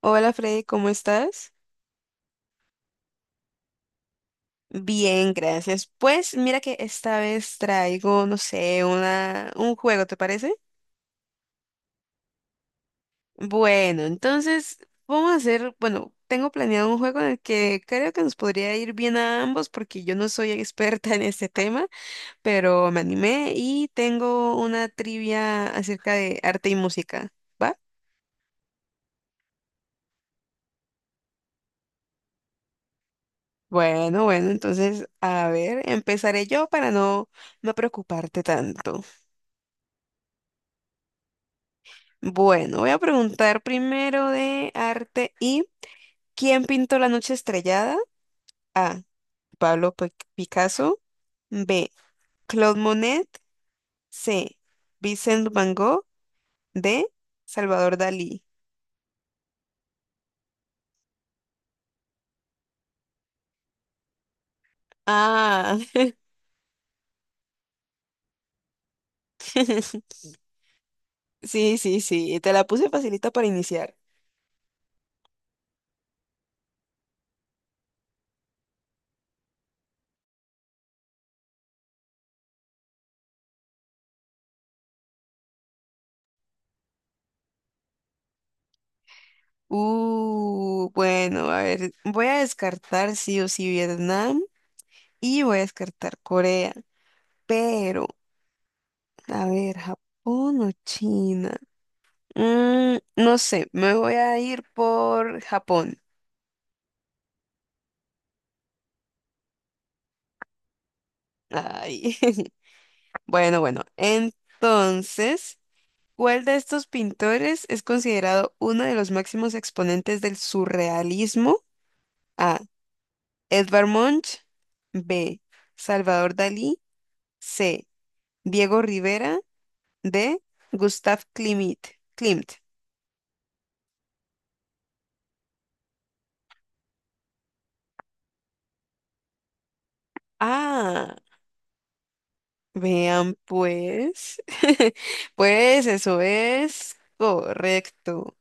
Hola Freddy, ¿cómo estás? Bien, gracias. Pues mira que esta vez traigo, no sé, un juego, ¿te parece? Bueno, entonces vamos a hacer, bueno, tengo planeado un juego en el que creo que nos podría ir bien a ambos porque yo no soy experta en este tema, pero me animé y tengo una trivia acerca de arte y música, ¿va? Bueno, bueno, entonces a ver, empezaré yo para no preocuparte tanto. Bueno, voy a preguntar primero de arte y ¿quién pintó la noche estrellada? A. Picasso. B. Claude Monet. C. Vincent Van Gogh. D. Salvador Dalí. Ah, sí, sí, sí, te la puse facilita para iniciar. Bueno, a ver, voy a descartar sí o sí Vietnam y voy a descartar Corea, pero, a ver, Japón o China. No sé, me voy a ir por Japón. Ay. Bueno, bueno. Entonces, ¿cuál de estos pintores es considerado uno de los máximos exponentes del surrealismo? A. Edvard Munch. B. Salvador Dalí. C. Diego Rivera. D. Gustav Klimt. Klimt. Ah, vean pues. Pues eso es correcto.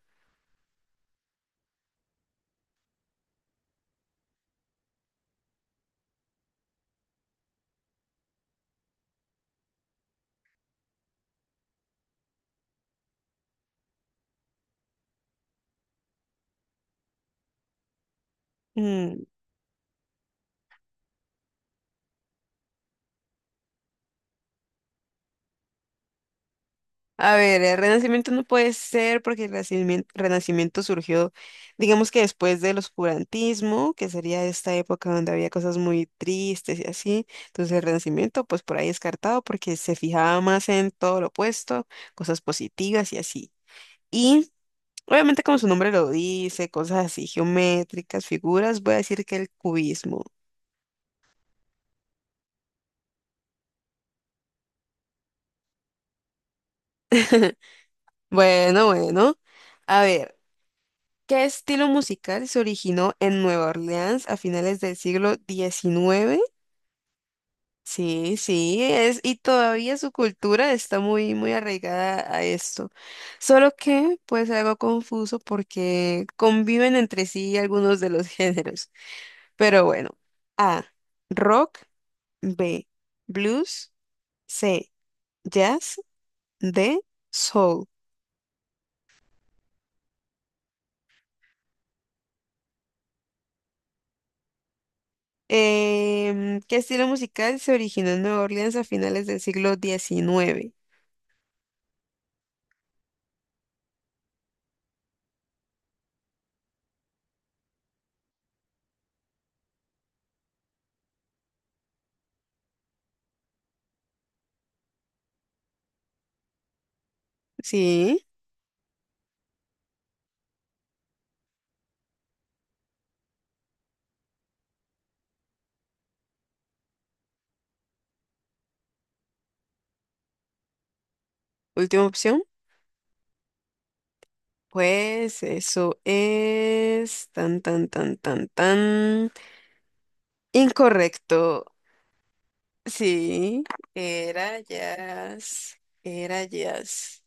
Mm, A ver, el Renacimiento no puede ser porque el Renacimiento, surgió, digamos que después del oscurantismo, que sería esta época donde había cosas muy tristes y así. Entonces el Renacimiento, pues por ahí descartado porque se fijaba más en todo lo opuesto, cosas positivas y así. Y obviamente como su nombre lo dice, cosas así geométricas, figuras, voy a decir que el cubismo. Bueno, bueno. A ver. ¿Qué estilo musical se originó en Nueva Orleans a finales del siglo XIX? Sí, sí, es, y todavía su cultura está muy, muy arraigada a esto. Solo que, pues, algo confuso porque conviven entre sí algunos de los géneros. Pero bueno, A, rock, B, blues, C, jazz, D, soul. ¿Qué estilo musical se originó en Nueva Orleans a finales del siglo diecinueve? Sí, última opción. Pues eso es tan, tan, tan, tan, tan. Incorrecto. Sí, era jazz. Era jazz.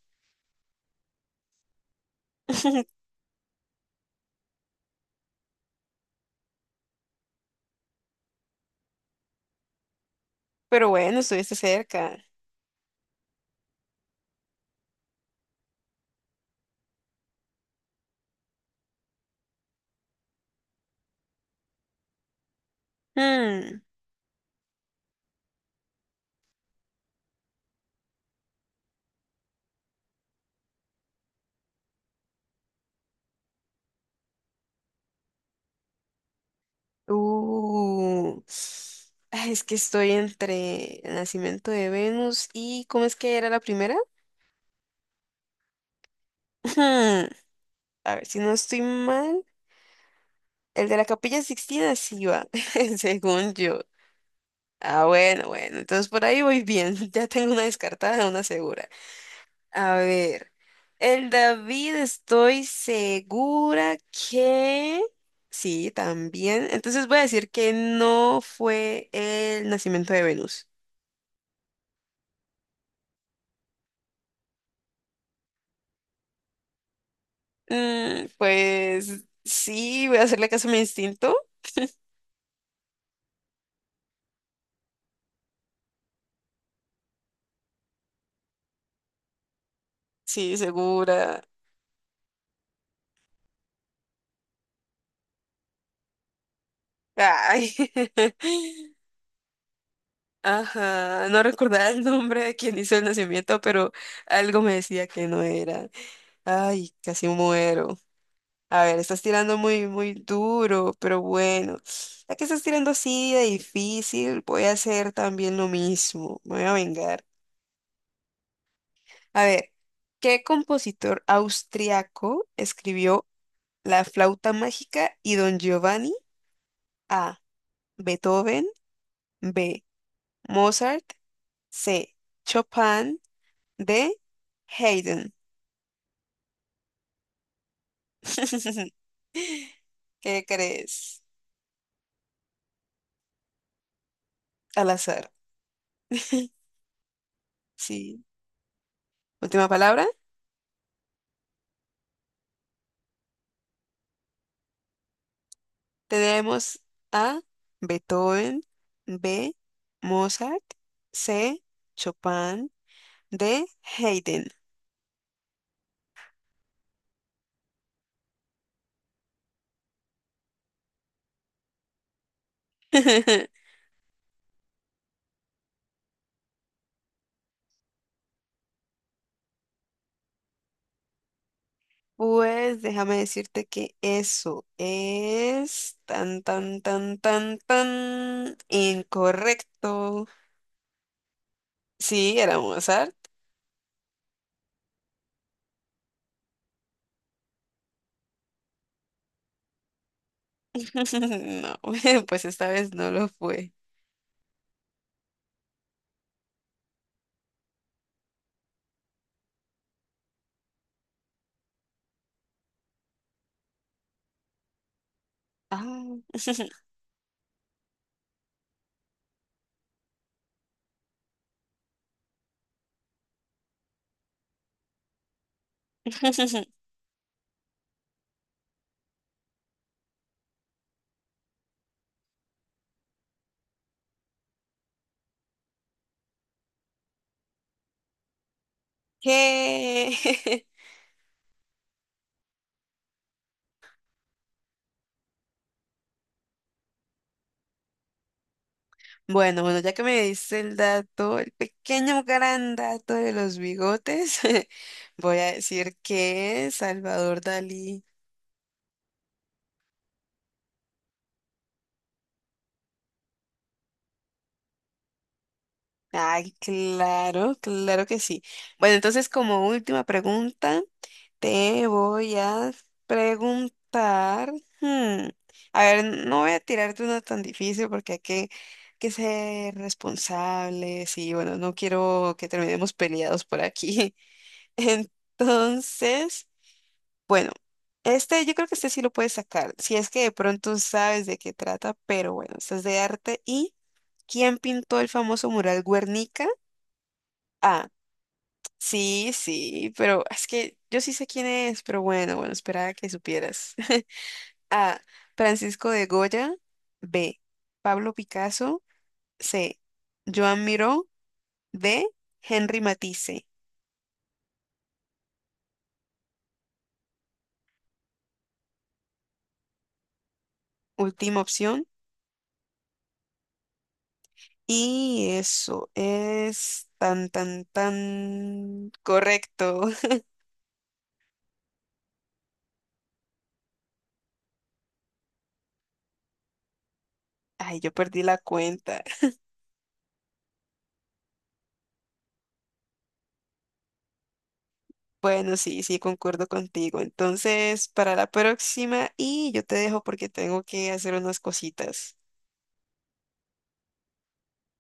Pero bueno, estuviste cerca. Hmm, Uh. Ay, es que estoy entre el nacimiento de Venus y ¿cómo es que era la primera? Hmm, a ver si no estoy mal. El de la Capilla Sixtina sí iba, según yo. Ah, bueno, bueno, entonces por ahí voy bien. Ya tengo una descartada, una segura. A ver, el David estoy segura que... Sí, también. Entonces voy a decir que no fue el nacimiento de Venus. Pues sí, voy a hacerle caso a mi instinto. Sí, segura. Ay. Ajá, no recordaba el nombre de quien hizo el nacimiento, pero algo me decía que no era. Ay, casi muero. A ver, estás tirando muy, muy duro, pero bueno, ya que estás tirando así de difícil, voy a hacer también lo mismo. Me voy a vengar. A ver, ¿qué compositor austriaco escribió La flauta mágica y Don Giovanni? A. Beethoven. B. Mozart. C. Chopin. D. Haydn. ¿Qué crees? Al azar. Sí. Última palabra. Tenemos A, Beethoven, B, Mozart, C, Chopin, D, Haydn. Pues déjame decirte que eso es tan, tan, tan, tan, tan incorrecto. Sí, era Mozart. No, pues esta vez no lo fue. Ah. ¿Qué? Bueno, bueno, ya que me diste el dato, el pequeño gran dato de los bigotes, voy a decir que Salvador Dalí. Ay, claro, claro que sí. Bueno, entonces como última pregunta, te voy a preguntar, hmm, a ver, no voy a tirarte una tan difícil porque hay que ser responsables y bueno, no quiero que terminemos peleados por aquí. Entonces, bueno, este yo creo que este sí lo puedes sacar, si es que de pronto sabes de qué trata, pero bueno, este es de arte. ¿Y quién pintó el famoso mural Guernica? Ah, sí, sí, pero es que yo sí sé quién es, pero bueno, bueno, esperaba que supieras. A, Francisco de Goya, B, Pablo Picasso, C, Joan Miró, D, Henry Matisse. Última opción. Y eso es tan, tan, tan correcto. Ay, yo perdí la cuenta. Bueno, sí, sí, concuerdo contigo. Entonces, para la próxima, y yo te dejo porque tengo que hacer unas cositas.